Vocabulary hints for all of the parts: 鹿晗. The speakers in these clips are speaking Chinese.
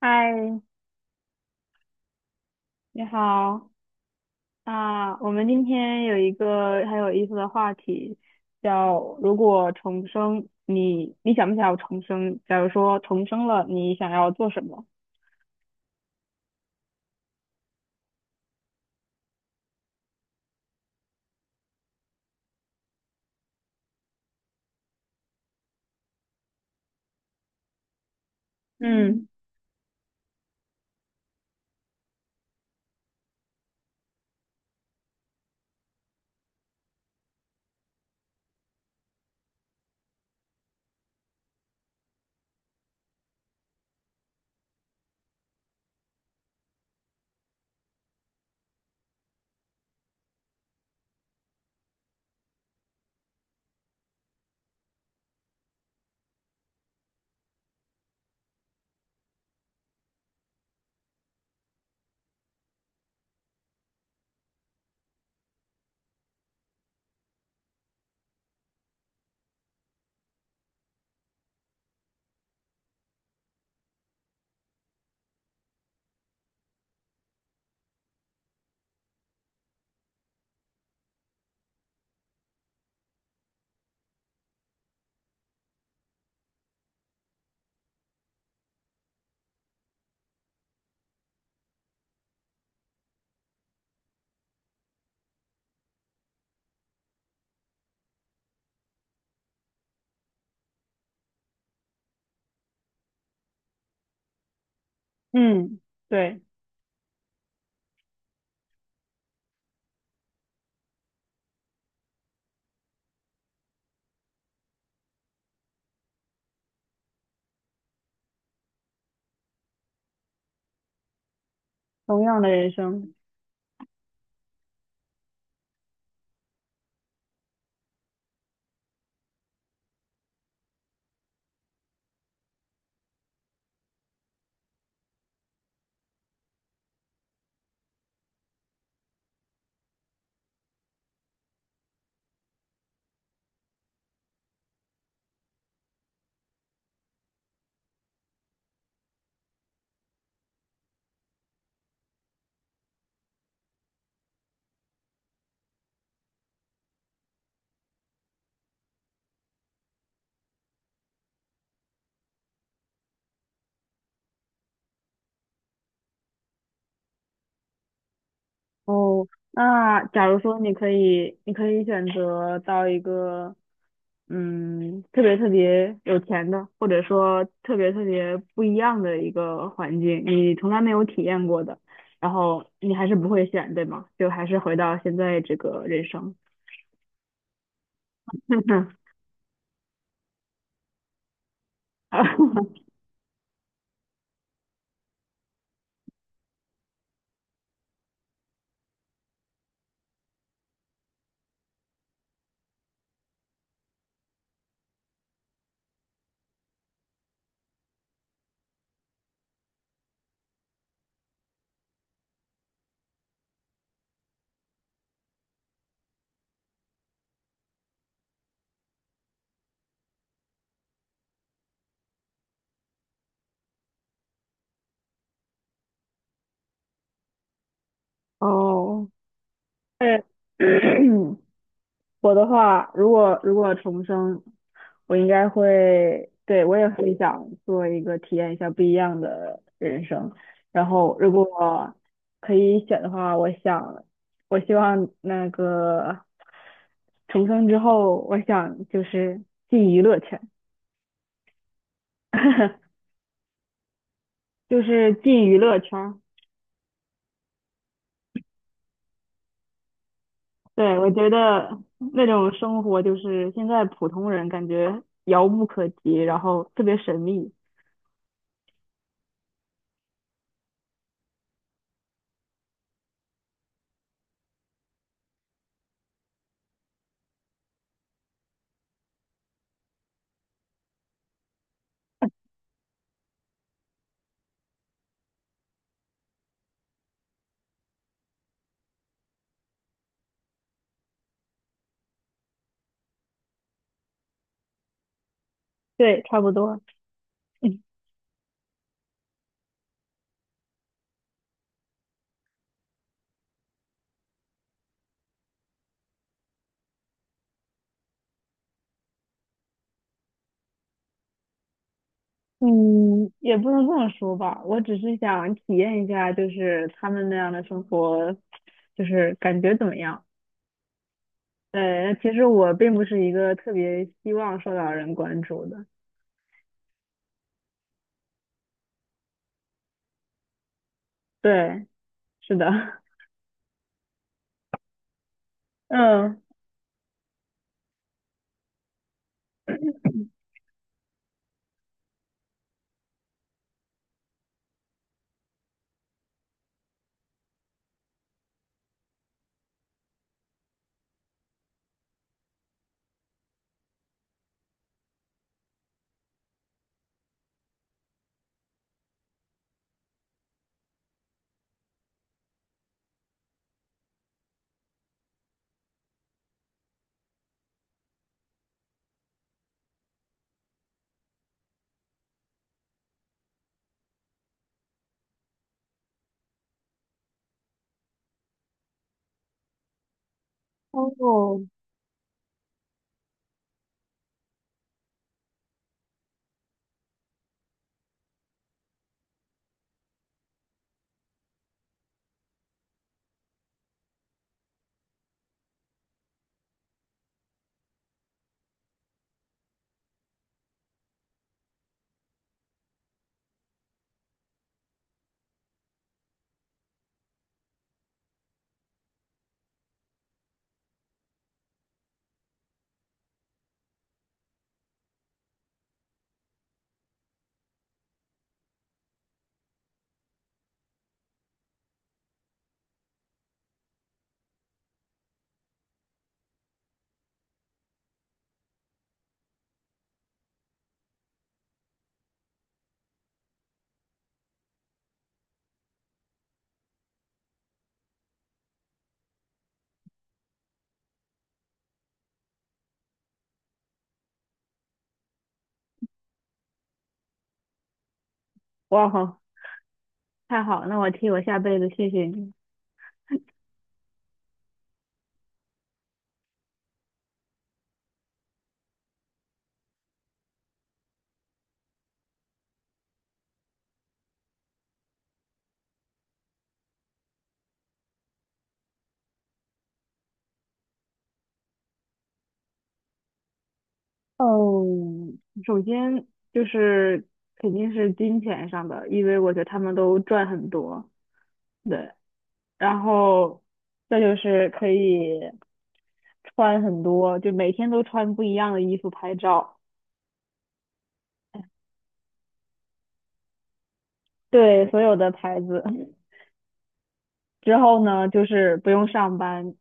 嗨，你好啊！我们今天有一个很有意思的话题，叫如果重生，你想不想要重生？假如说重生了，你想要做什么？嗯嗯，对，同样的人生。哦，那假如说你可以选择到一个特别特别有钱的，或者说特别特别不一样的一个环境，你从来没有体验过的，然后你还是不会选，对吗？就还是回到现在这个人生。哦，对，我的话，如果重生，我应该会，对，我也很想做一个体验一下不一样的人生。然后，如果可以选的话，我想，我希望那个重生之后，我想就是进娱乐圈。就是进娱乐圈儿。对，我觉得那种生活就是现在普通人感觉遥不可及，然后特别神秘。对，差不多。嗯，也不能这么说吧，我只是想体验一下，就是他们那样的生活，就是感觉怎么样？对，其实我并不是一个特别希望受到人关注的。对，是的。嗯，哦，哇好，太好了，那我替我下辈子谢谢你。哦，首先就是肯定是金钱上的，因为我觉得他们都赚很多，对。然后再就是可以。穿很多，就每天都穿不一样的衣服拍照，对所有的牌子。之后呢，就是不用上班，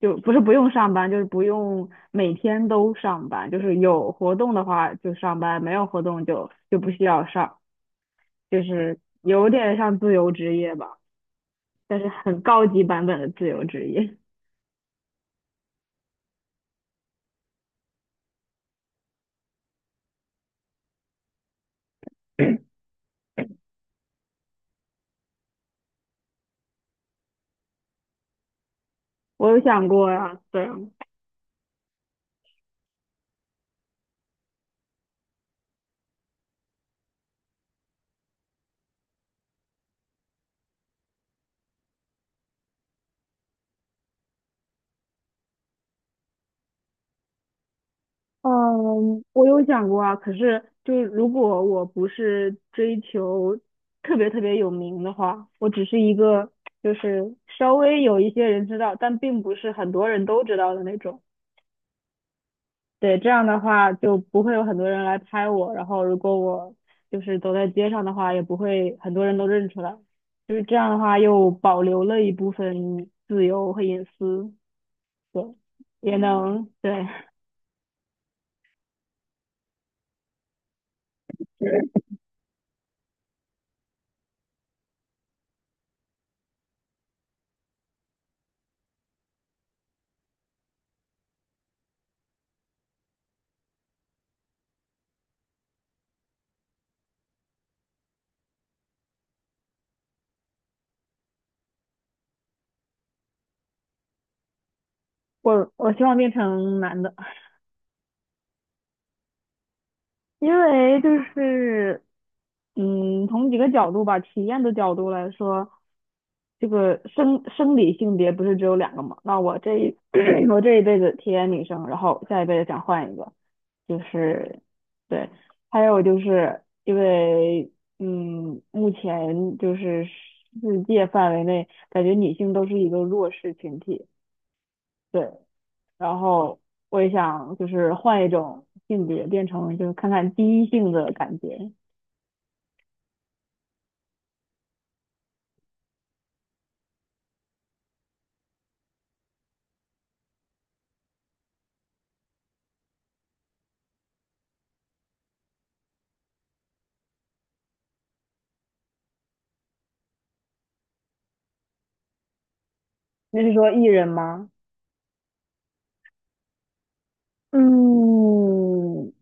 就不是不用上班，就是不用每天都上班，就是有活动的话就上班，没有活动就不需要上，就是有点像自由职业吧，但是很高级版本的自由职业。我有想过啊，对。嗯，我有想过啊，可是就是如果我不是追求特别特别有名的话，我只是一个就是稍微有一些人知道，但并不是很多人都知道的那种。对，这样的话就不会有很多人来拍我，然后如果我就是走在街上的话，也不会很多人都认出来。就是这样的话，又保留了一部分自由和隐私，对，也能，对。我希望变成男的。因为就是，从几个角度吧，体验的角度来说，这个生理性别不是只有两个嘛？那我这一 我这一辈子体验女生，然后下一辈子想换一个，就是对。还有就是因为，嗯，目前就是世界范围内，感觉女性都是一个弱势群体，对。然后我也想就是换一种性别，变成就是看看第一性的感觉。那是说艺人吗？嗯，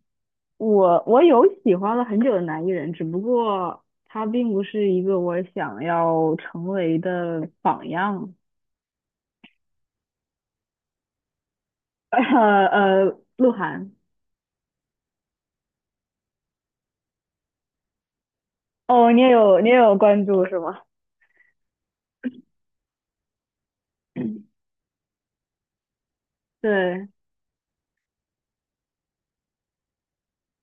我有喜欢了很久的男艺人，只不过他并不是一个我想要成为的榜样。鹿晗。哦，你也有关注是吗？对，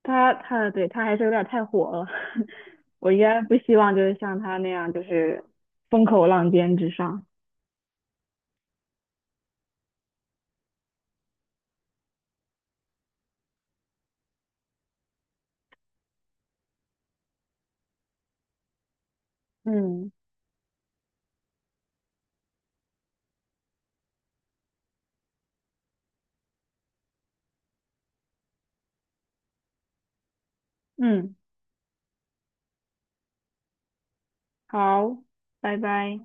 他对他还是有点太火了。我应该不希望就是像他那样，就是风口浪尖之上。嗯嗯，好，拜拜。